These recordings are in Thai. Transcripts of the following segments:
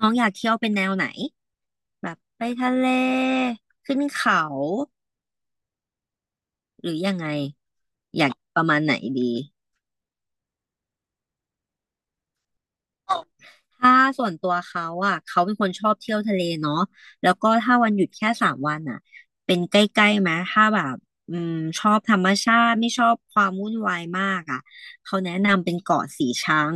น้องอยากเที่ยวเป็นแนวไหนแบบไปทะเลขึ้นเขาหรือยังไงอยากประมาณไหนดีถ้าส่วนตัวเขาอ่ะเขาเป็นคนชอบเที่ยวทะเลเนาะแล้วก็ถ้าวันหยุดแค่สามวันอ่ะเป็นใกล้ๆไหมถ้าแบบอืมชอบธรรมชาติไม่ชอบความวุ่นวายมากอ่ะเขาแนะนำเป็นเกาะสีชัง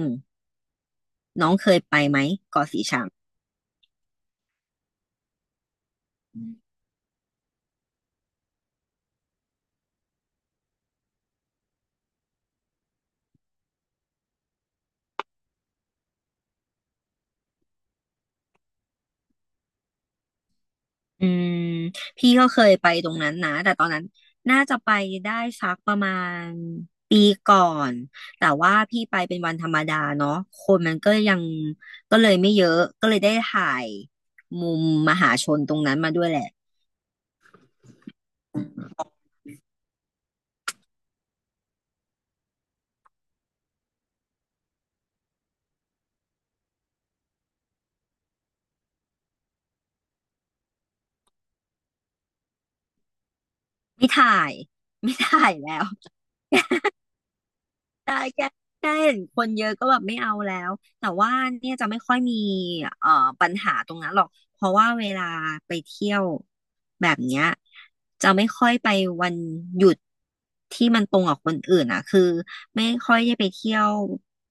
อืมพี่ก็เคยไปตรงนั้นนะแต่ตอนนั้นน่าจะไปได้สักประมาณปีก่อนแต่ว่าพี่ไปเป็นวันธรรมดาเนาะคนมันก็ยังก็เลยไม่เยอะก็เลยได้ถ่ายมุมมหาชนตรงนั้นมาด้วยแหละไม่ถ่ายไม่ถ่ายแล้ว ได้แค่แค่เห็นคนเยอะก็แบบไม่เอาแล้วแต่ว่าเนี่ยจะไม่ค่อยมีเอ่อปัญหาตรงนั้นหรอกเพราะว่าเวลาไปเที่ยวแบบเนี้ยจะไม่ค่อยไปวันหยุดที่มันตรงกับคนอื่นอ่ะคือไม่ค่อยได้ไปเที่ยว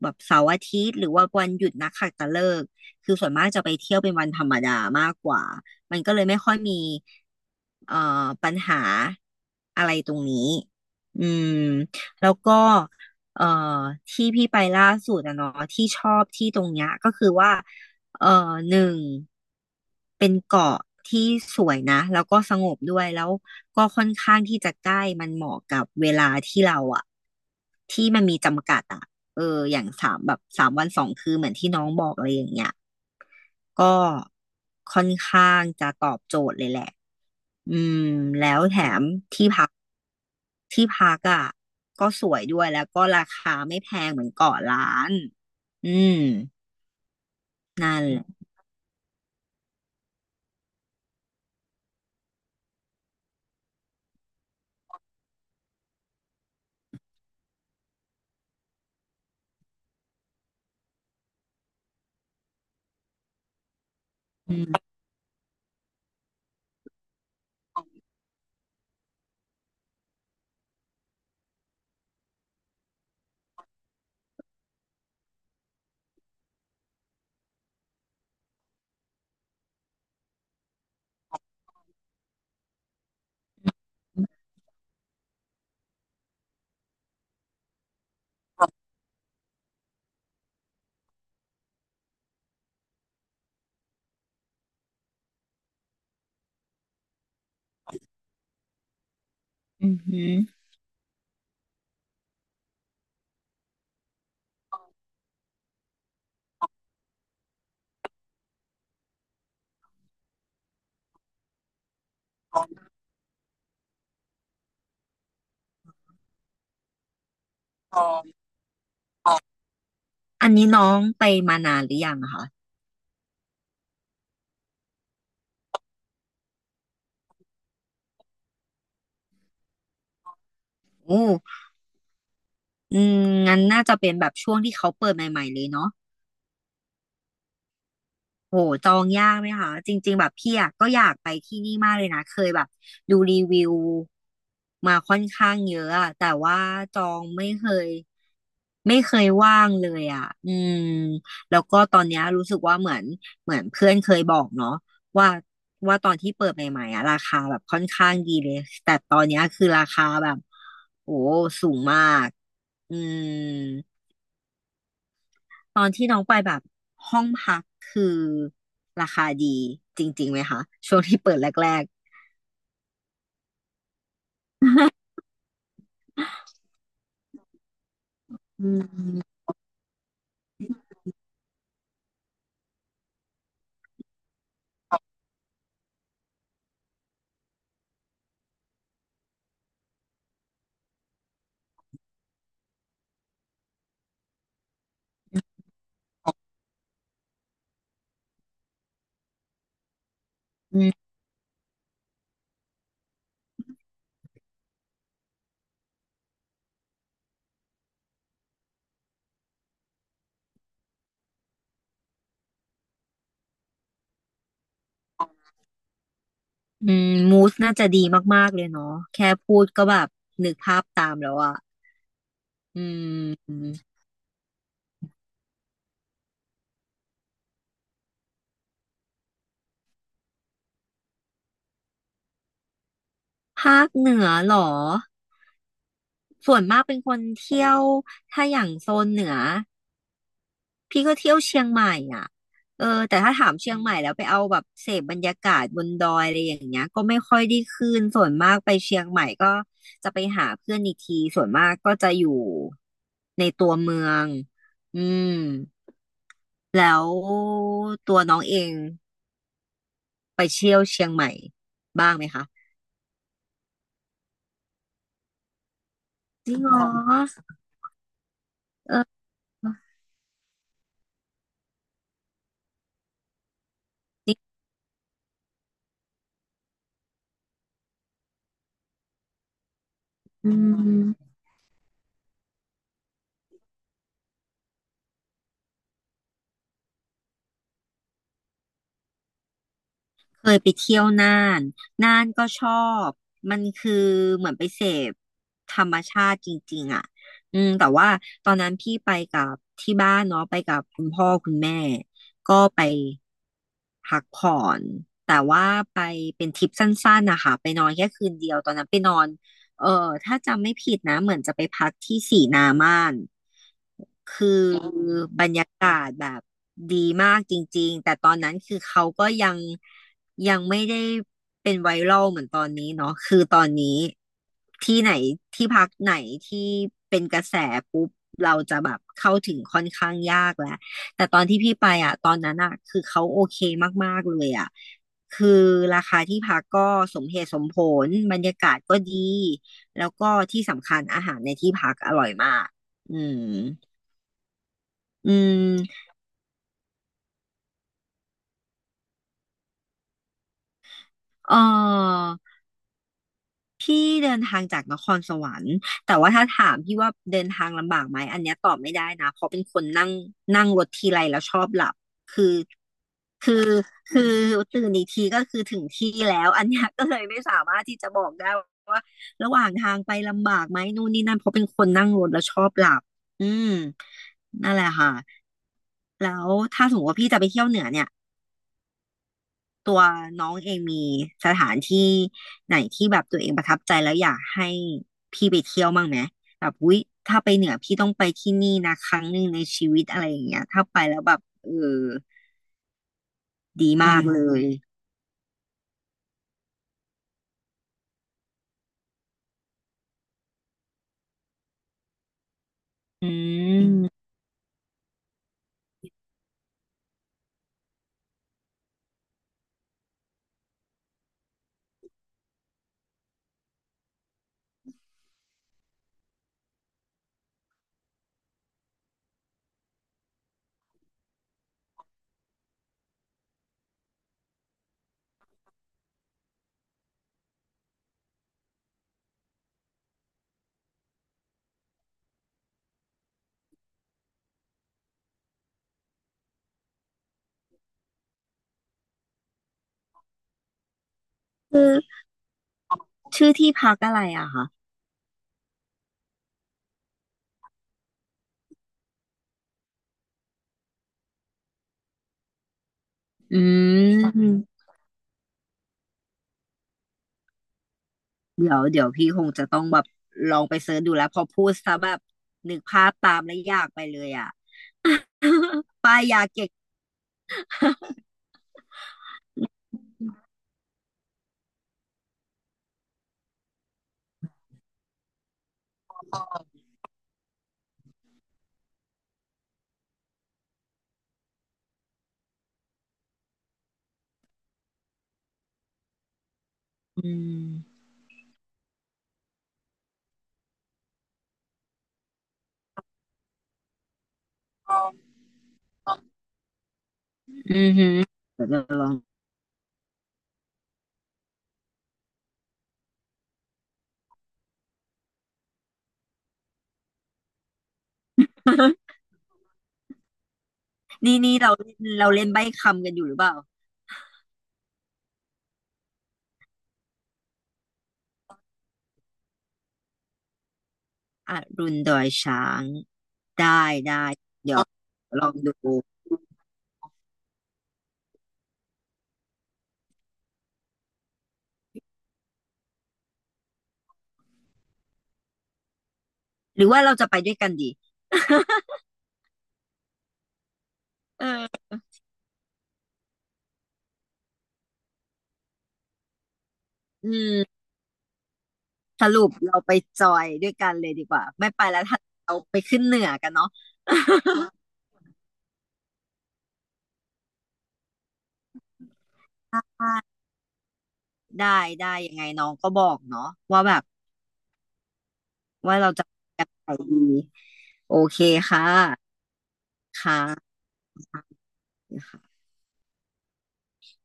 แบบเสาร์อาทิตย์หรือว่าวันหยุดนักขัตฤกษ์คือส่วนมากจะไปเที่ยวเป็นวันธรรมดามากกว่ามันก็เลยไม่ค่อยมีเอ่อปัญหาอะไรตรงนี้อืมแล้วก็ เอ่อที่พี่ไปล่าสุดอะเนาะที่ชอบที่ตรงเนี้ยก็คือว่าเอ่อหนึ่งเป็นเกาะที่สวยนะแล้วก็สงบด้วยแล้วก็ค่อนข้างที่จะใกล้มันเหมาะกับเวลาที่เราอะที่มันมีจำกัดอะเอออย่างสามแบบสามวันสองคืนเหมือนที่น้องบอกอะไรอย่างเงี้ยก็ค่อนข้างจะตอบโจทย์เลยแหละอืมแล้วแถมที่พัก ที่พักอ่ะก็สวยด้วยแล้วก็ราคาไม่แพงเหมือนเกาะล้านอืมนั่นแหละอืมอือหืออ๋ออันนี้น้องไปมานานหรือยังอะคะโอ้อืมงั้นน่าจะเป็นแบบช่วงที่เขาเปิดใหม่ๆเลยเนาะโหจองยากไหมคะจริงๆแบบพี่อะก็อยากไปที่นี่มากเลยนะเคยแบบดูรีวิวมาค่อนข้างเยอะอะแต่ว่าจองไม่เคย ไม่เคยว่างเลยอ่ะอืมแล้วก็ตอนเนี้ยรู้สึกว่าเหมือนเพื่อนเคยบอกเนาะว่าว่าตอนที่เปิดใหม่ๆอ่ะราคาแบบค่อนข้างดีเลย แต่ตอนเนี้ยคือราคาแบบโอ้สูงมากอืมตอนที่น้องไปแบบห้องพักคือราคาดีจริงๆไหมคะช่วงที่เปิดแรกๆอืมอืมมูสน่าจะดีมากๆเลยเนาะแค่พูดก็แบบนึกภาพตามแล้วอ่ะอืม ภาคเหนือเหรอส่วนมากเป็นคนเที่ยวถ้าอย่างโซนเหนือพี่ก็เที่ยวเชียงใหม่อ่ะเออแต่ถ้าถามเชียงใหม่แล้วไปเอาแบบเสพบรรยากาศบนดอยอะไรอย่างเงี้ยก็ไม่ค่อยได้ขึ้นส่วนมากไปเชียงใหม่ก็จะไปหาเพื่อนอีกทีส่วนมากก็จะอยู่ในตัวเมืองอืมแล้วตัวน้องเองไปเที่ยวเชียงใหม่บ้างไหมคะจริงเหรอเอออืม เคยไปเที่ยวน่านน่านก็ชอบ มันคือเหมือนไปเสพธรรมชาติจริงๆอ่ะอืมแต่ว่าตอนนั้นพี่ไปกับที่บ้านเนาะไปกับคุณพ่อคุณแม่ ก็ไปพักผ่อน แต่ว่าไปเป็นทริปสั้นๆนะคะไปนอนแค่คืนเดียว ตอนนั้นไปนอน เออถ้าจำไม่ผิดนะเหมือนจะไปพักที่สีนาม่านคือบรรยากาศแบบดีมากจริงๆแต่ตอนนั้นคือเขาก็ยังยังไม่ได้เป็นไวรัลเหมือนตอนนี้เนาะคือตอนนี้ที่ไหนที่พักไหนที่เป็นกระแสปุ๊บเราจะแบบเข้าถึงค่อนข้างยากแล้วแต่ตอนที่พี่ไปอ่ะตอนนั้นอ่ะคือเขาโอเคมากๆเลยอ่ะคือราคาที่พักก็สมเหตุสมผลบรรยากาศก็ดี แล้วก็ที่สำคัญอาหารในที่พักอร่อยมากอืมอืมเออ พี่เดินทางจากนครสวรรค์แต่ว่าถ้าถามพี่ว่าเดินทางลำบากไหมอันเนี้ยตอบไม่ได้นะเพราะเป็นคนนั่งนั่งรถทีไรแล้วชอบหลับคือคือคือตื่นอีกทีก็คือถึงที่แล้วอันเนี้ยก็เลยไม่สามารถที่จะบอกได้ว่าระหว่างทางไปลำบากไหมนู่นนี่นั่นเพราะเป็นคนนั่งรถแล้วชอบหลับอืมนั่นแหละค่ะแล้วถ้าสมมติว่าพี่จะไปเที่ยวเหนือเนี่ย ตัวน้องเองมีสถานที่ไหนที่แบบตัวเองประทับใจแล้วอยากให้พี่ไปเที่ยวบ้างไหมแบบอุ๊ยถ้าไปเหนือพี่ต้องไปที่นี่นะครั้งหนึ่งในชีวิตอะไรอย่างเงี้ยถ้าไปแล้วแบบเออดีอืมากมเลยอืมอืมคือชื่อที่พักอะไรอะคะอืมเดี๋ยวพี่คงจะต้องแบบลองไปเสิร์ชดูแล้วพอพูดซะแบบนึกภาพตามแล้วอยากไปเลยอะ ปายยาเกะอืม อือหือเดี๋ยวจะลอง นี่เราเล่นใบ้คำกันอยู่หรือเปล่าอรุณดอยช้างได้ได้เดี๋ยวลองดูหรือว่าเราจะไปด้วยกันดี เอออืมสรุปเราไปจอยด้วยกันเลยดีกว่าไม่ไปแล้วถ้าเราไปขึ้นเหนือกันเนาะ ได้ได้ยังไงน้องก็บอกเนาะว่าแบบว่าเราจะไปดีโอเคค่ะค่ะค่ะ